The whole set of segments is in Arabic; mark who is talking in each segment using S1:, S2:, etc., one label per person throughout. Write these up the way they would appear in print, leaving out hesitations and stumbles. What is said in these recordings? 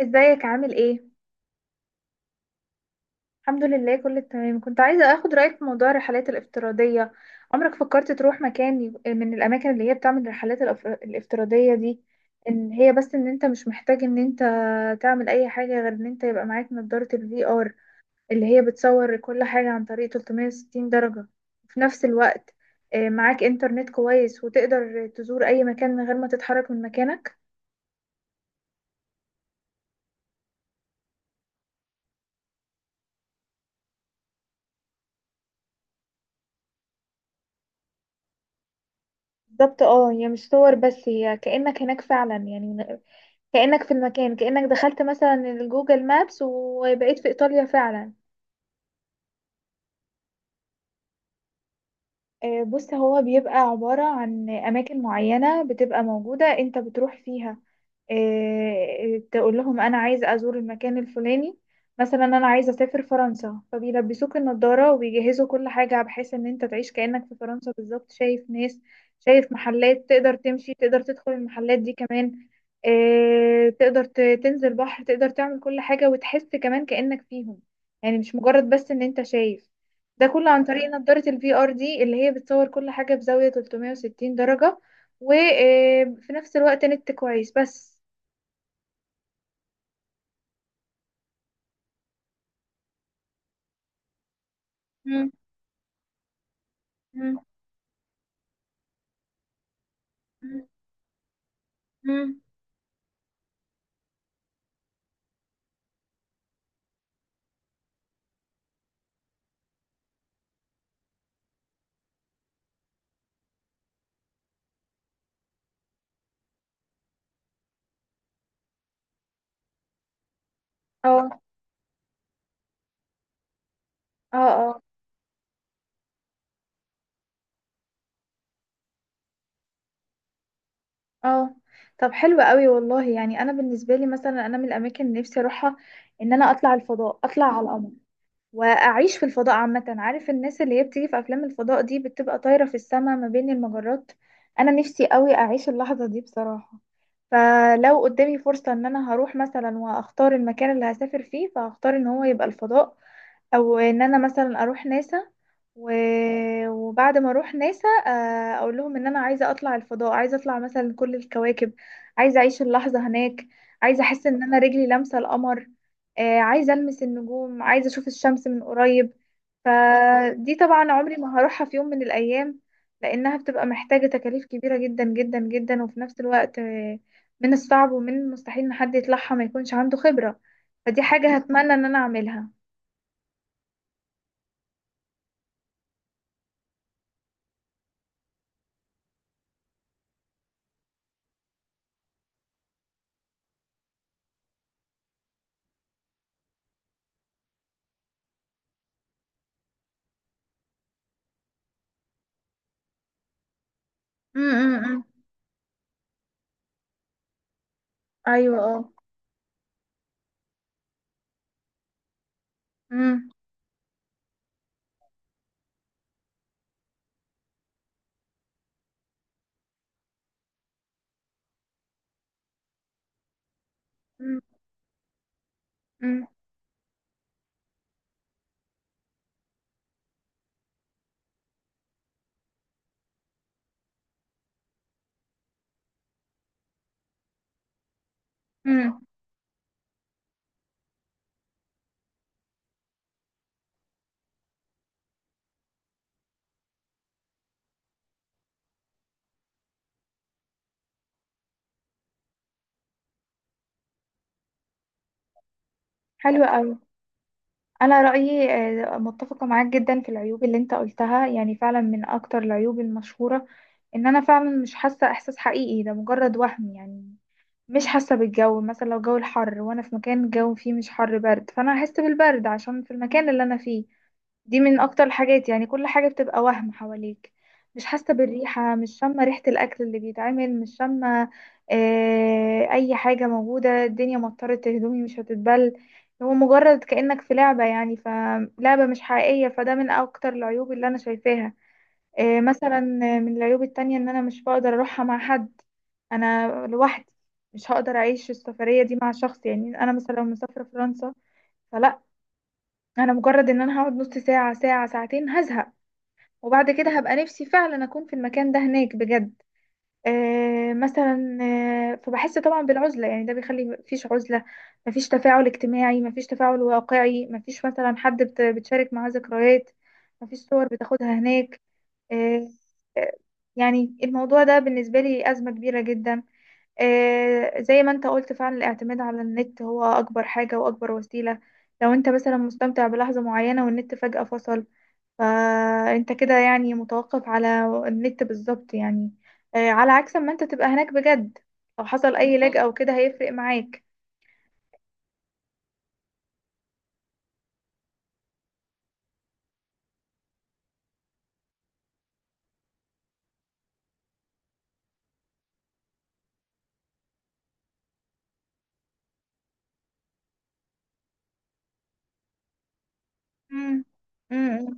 S1: ازيك عامل ايه؟ الحمد لله، كله تمام. كنت عايزة اخد رأيك في موضوع الرحلات الافتراضية. عمرك فكرت تروح مكان من الاماكن اللي هي بتعمل الرحلات الافتراضية دي؟ ان هي بس ان انت مش محتاج ان انت تعمل اي حاجة غير ان انت يبقى معاك نظارة الفي ار، اللي هي بتصور كل حاجة عن طريق 360 درجة. وفي نفس الوقت معاك انترنت كويس وتقدر تزور اي مكان من غير ما تتحرك من مكانك. بالظبط، اه، هي مش صور، بس هي كأنك هناك فعلا، يعني كأنك في المكان، كأنك دخلت مثلا الجوجل مابس وبقيت في إيطاليا فعلا. بص، هو بيبقى عبارة عن أماكن معينة بتبقى موجودة أنت بتروح فيها. تقول لهم أنا عايز أزور المكان الفلاني. مثلا أنا عايز أسافر فرنسا، فبيلبسوك النضارة وبيجهزوا كل حاجة بحيث إن أنت تعيش كأنك في فرنسا بالظبط. شايف ناس، شايف محلات، تقدر تمشي، تقدر تدخل المحلات دي كمان. تقدر تنزل بحر، تقدر تعمل كل حاجة وتحس كمان كأنك فيهم. يعني مش مجرد بس إن أنت شايف. ده كله عن طريق نظارة ال VR دي اللي هي بتصور كل حاجة بزاوية 360 درجة. وفي نفس الوقت نت كويس بس. مم. مم. مم. مم. اه. اه. اه. اه. طب، حلو قوي والله. يعني انا بالنسبة لي مثلا، انا من الاماكن اللي نفسي اروحها ان انا اطلع الفضاء، اطلع على القمر، واعيش في الفضاء عامه. عارف الناس اللي هي بتيجي في افلام الفضاء دي بتبقى طايره في السماء ما بين المجرات؟ انا نفسي قوي اعيش اللحظه دي بصراحه. فلو قدامي فرصه ان انا هروح مثلا واختار المكان اللي هسافر فيه، فهختار ان هو يبقى الفضاء، او ان انا مثلا اروح ناسا و... وبعد ما اروح ناسا اقول لهم ان انا عايزه اطلع الفضاء، عايزه اطلع مثلا كل الكواكب، عايزه اعيش اللحظه هناك، عايزه احس ان انا رجلي لامسه القمر، عايزه المس النجوم، عايزه اشوف الشمس من قريب. فدي طبعا عمري ما هروحها في يوم من الايام، لانها بتبقى محتاجه تكاليف كبيره جدا جدا جدا. وفي نفس الوقت من الصعب ومن المستحيل ان حد يطلعها ما يكونش عنده خبره. فدي حاجه هتمنى ان انا اعملها. م- م- م. ايوه، اه. امم. امم. امم. امم. حلوة قوي. انا رأيي متفقة معاك جدا في العيوب اللي انت قلتها، يعني فعلا من اكتر العيوب المشهورة ان انا فعلا مش حاسة احساس حقيقي، ده مجرد وهم يعني. مش حاسة بالجو مثلا، لو الجو الحر وانا في مكان الجو فيه مش حر برد، فانا هحس بالبرد عشان في المكان اللي انا فيه. دي من اكتر الحاجات، يعني كل حاجة بتبقى وهم حواليك. مش حاسة بالريحة، مش شامة ريحة الاكل اللي بيتعمل، مش شامة اي حاجة موجودة. الدنيا مطرت، هدومي مش هتتبل. هو مجرد كأنك في لعبة، يعني فلعبة مش حقيقية، فده من اكتر العيوب اللي انا شايفاها. مثلا، من العيوب التانية ان انا مش بقدر اروحها مع حد، انا لوحدي. مش هقدر اعيش السفرية دي مع شخص، يعني انا مثلا لو مسافرة فرنسا، فلا، انا مجرد ان انا هقعد نص ساعة، ساعة، ساعتين، هزهق. وبعد كده هبقى نفسي فعلا اكون في المكان ده هناك بجد. مثلا فبحس طبعا بالعزله، يعني ده بيخلي مفيش عزله، مفيش تفاعل اجتماعي، مفيش تفاعل واقعي، مفيش مثلا حد بتشارك معاه ذكريات، مفيش صور بتاخدها هناك. آه آه، يعني الموضوع ده بالنسبه لي ازمه كبيره جدا. زي ما انت قلت، فعلا الاعتماد على النت هو اكبر حاجة واكبر وسيلة. لو انت مثلا مستمتع بلحظة معينة والنت فجأة فصل، فانت كده يعني متوقف على النت بالظبط، يعني على عكس ما انت تبقى هناك بجد. لو حصل اي لاج بالظبط او كده هيفرق معاك. مم. مم.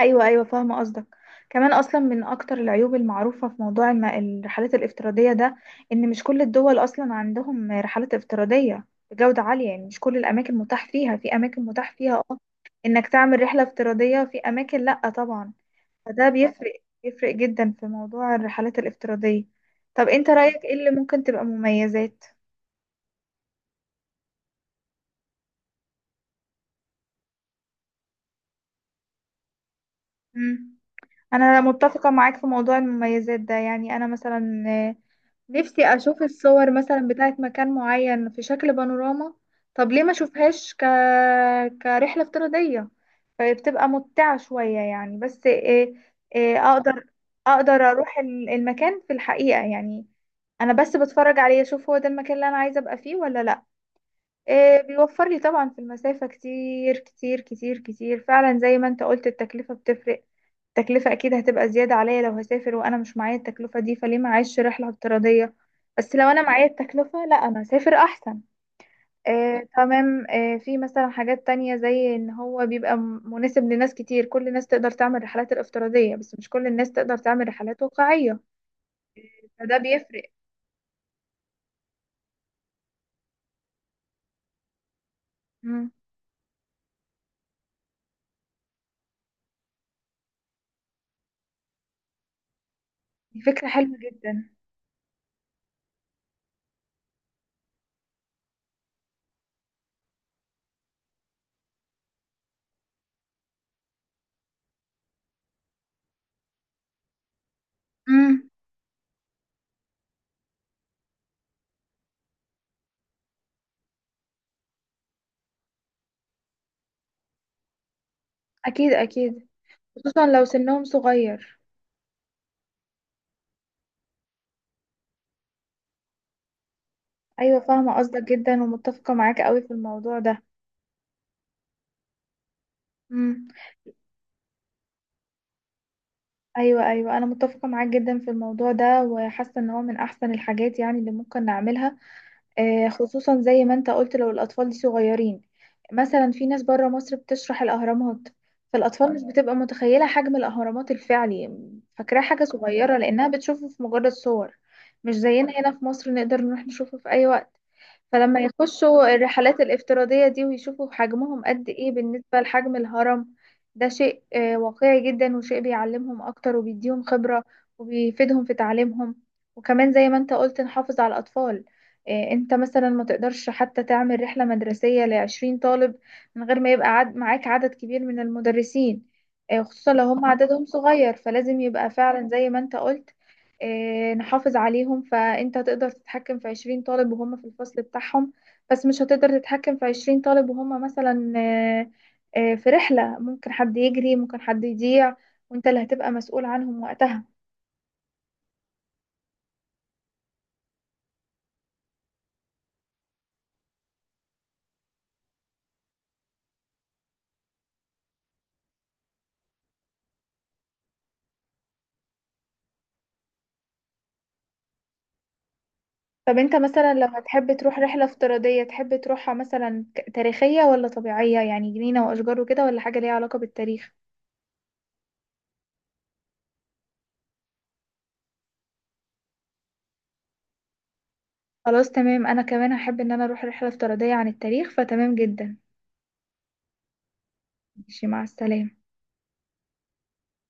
S1: ايوه، ايوه، فاهمه قصدك. كمان اصلا من اكتر العيوب المعروفه في موضوع الرحلات الافتراضيه ده، ان مش كل الدول اصلا عندهم رحلات افتراضيه بجوده عاليه، يعني مش كل الاماكن متاح فيها، في اماكن متاح فيها، اه، انك تعمل رحله افتراضيه، وفي اماكن لا طبعا. فده بيفرق، بيفرق جدا في موضوع الرحلات الافتراضيه. طب انت رايك ايه اللي ممكن تبقى مميزات؟ مم. انا متفقه معاك في موضوع المميزات ده. يعني انا مثلا نفسي اشوف الصور مثلا بتاعت مكان معين في شكل بانوراما. طب ليه ما اشوفهاش كرحلة افتراضية؟ فبتبقى ممتعة شوية، يعني. بس إيه؟ إيه، اقدر، اقدر اروح المكان في الحقيقة، يعني انا بس بتفرج عليه، اشوف هو ده المكان اللي انا عايزة ابقى فيه ولا لا. إيه بيوفر لي طبعا في المسافة كتير كتير كتير كتير. فعلا زي ما انت قلت، التكلفة بتفرق. التكلفة أكيد هتبقى زيادة عليا، لو هسافر وأنا مش معايا التكلفة دي، فليه ما أعيش رحلة افتراضية؟ بس لو أنا معايا التكلفة، لا، أنا هسافر أحسن. آه، تمام، آه، في مثلا حاجات تانية، زي إن هو بيبقى مناسب لناس كتير. كل الناس تقدر تعمل رحلات الافتراضية، بس مش كل الناس تقدر تعمل رحلات واقعية، فده بيفرق. مم. دي فكرة حلوة جدا. مم. أكيد أكيد، خصوصا لو سنهم صغير. أيوة، فاهمة قصدك جدا ومتفقة معاك قوي في الموضوع ده. مم. ايوه، ايوه، انا متفقه معاك جدا في الموضوع ده، وحاسه ان هو من احسن الحاجات يعني اللي ممكن نعملها. خصوصا زي ما انت قلت لو الاطفال دي صغيرين. مثلا في ناس بره مصر بتشرح الاهرامات، فالاطفال مش بتبقى متخيله حجم الاهرامات الفعلي، فاكراها حاجه صغيره لانها بتشوفه في مجرد صور. مش زينا هنا في مصر نقدر نروح نشوفه في اي وقت. فلما يخشوا الرحلات الافتراضية دي ويشوفوا حجمهم قد ايه بالنسبة لحجم الهرم، ده شيء واقعي جدا، وشيء بيعلمهم اكتر وبيديهم خبرة وبيفيدهم في تعليمهم. وكمان زي ما انت قلت، نحافظ على الاطفال. انت مثلا ما تقدرش حتى تعمل رحلة مدرسية ل20 طالب من غير ما يبقى عد معاك عدد كبير من المدرسين. خصوصا لو هم عددهم صغير، فلازم يبقى فعلا زي ما انت قلت نحافظ عليهم. فانت هتقدر تتحكم في 20 طالب وهم في الفصل بتاعهم، بس مش هتقدر تتحكم في 20 طالب وهم مثلا في رحلة. ممكن حد يجري، ممكن حد يضيع، وانت اللي هتبقى مسؤول عنهم وقتها. طب انت مثلا لو هتحب تروح رحلة افتراضية، تحب تروحها مثلا تاريخية، ولا طبيعية يعني جنينة واشجار وكده، ولا حاجة ليها علاقة بالتاريخ؟ خلاص، تمام، انا كمان هحب ان انا اروح رحلة افتراضية عن التاريخ، فتمام جدا. ماشي مع السلامة.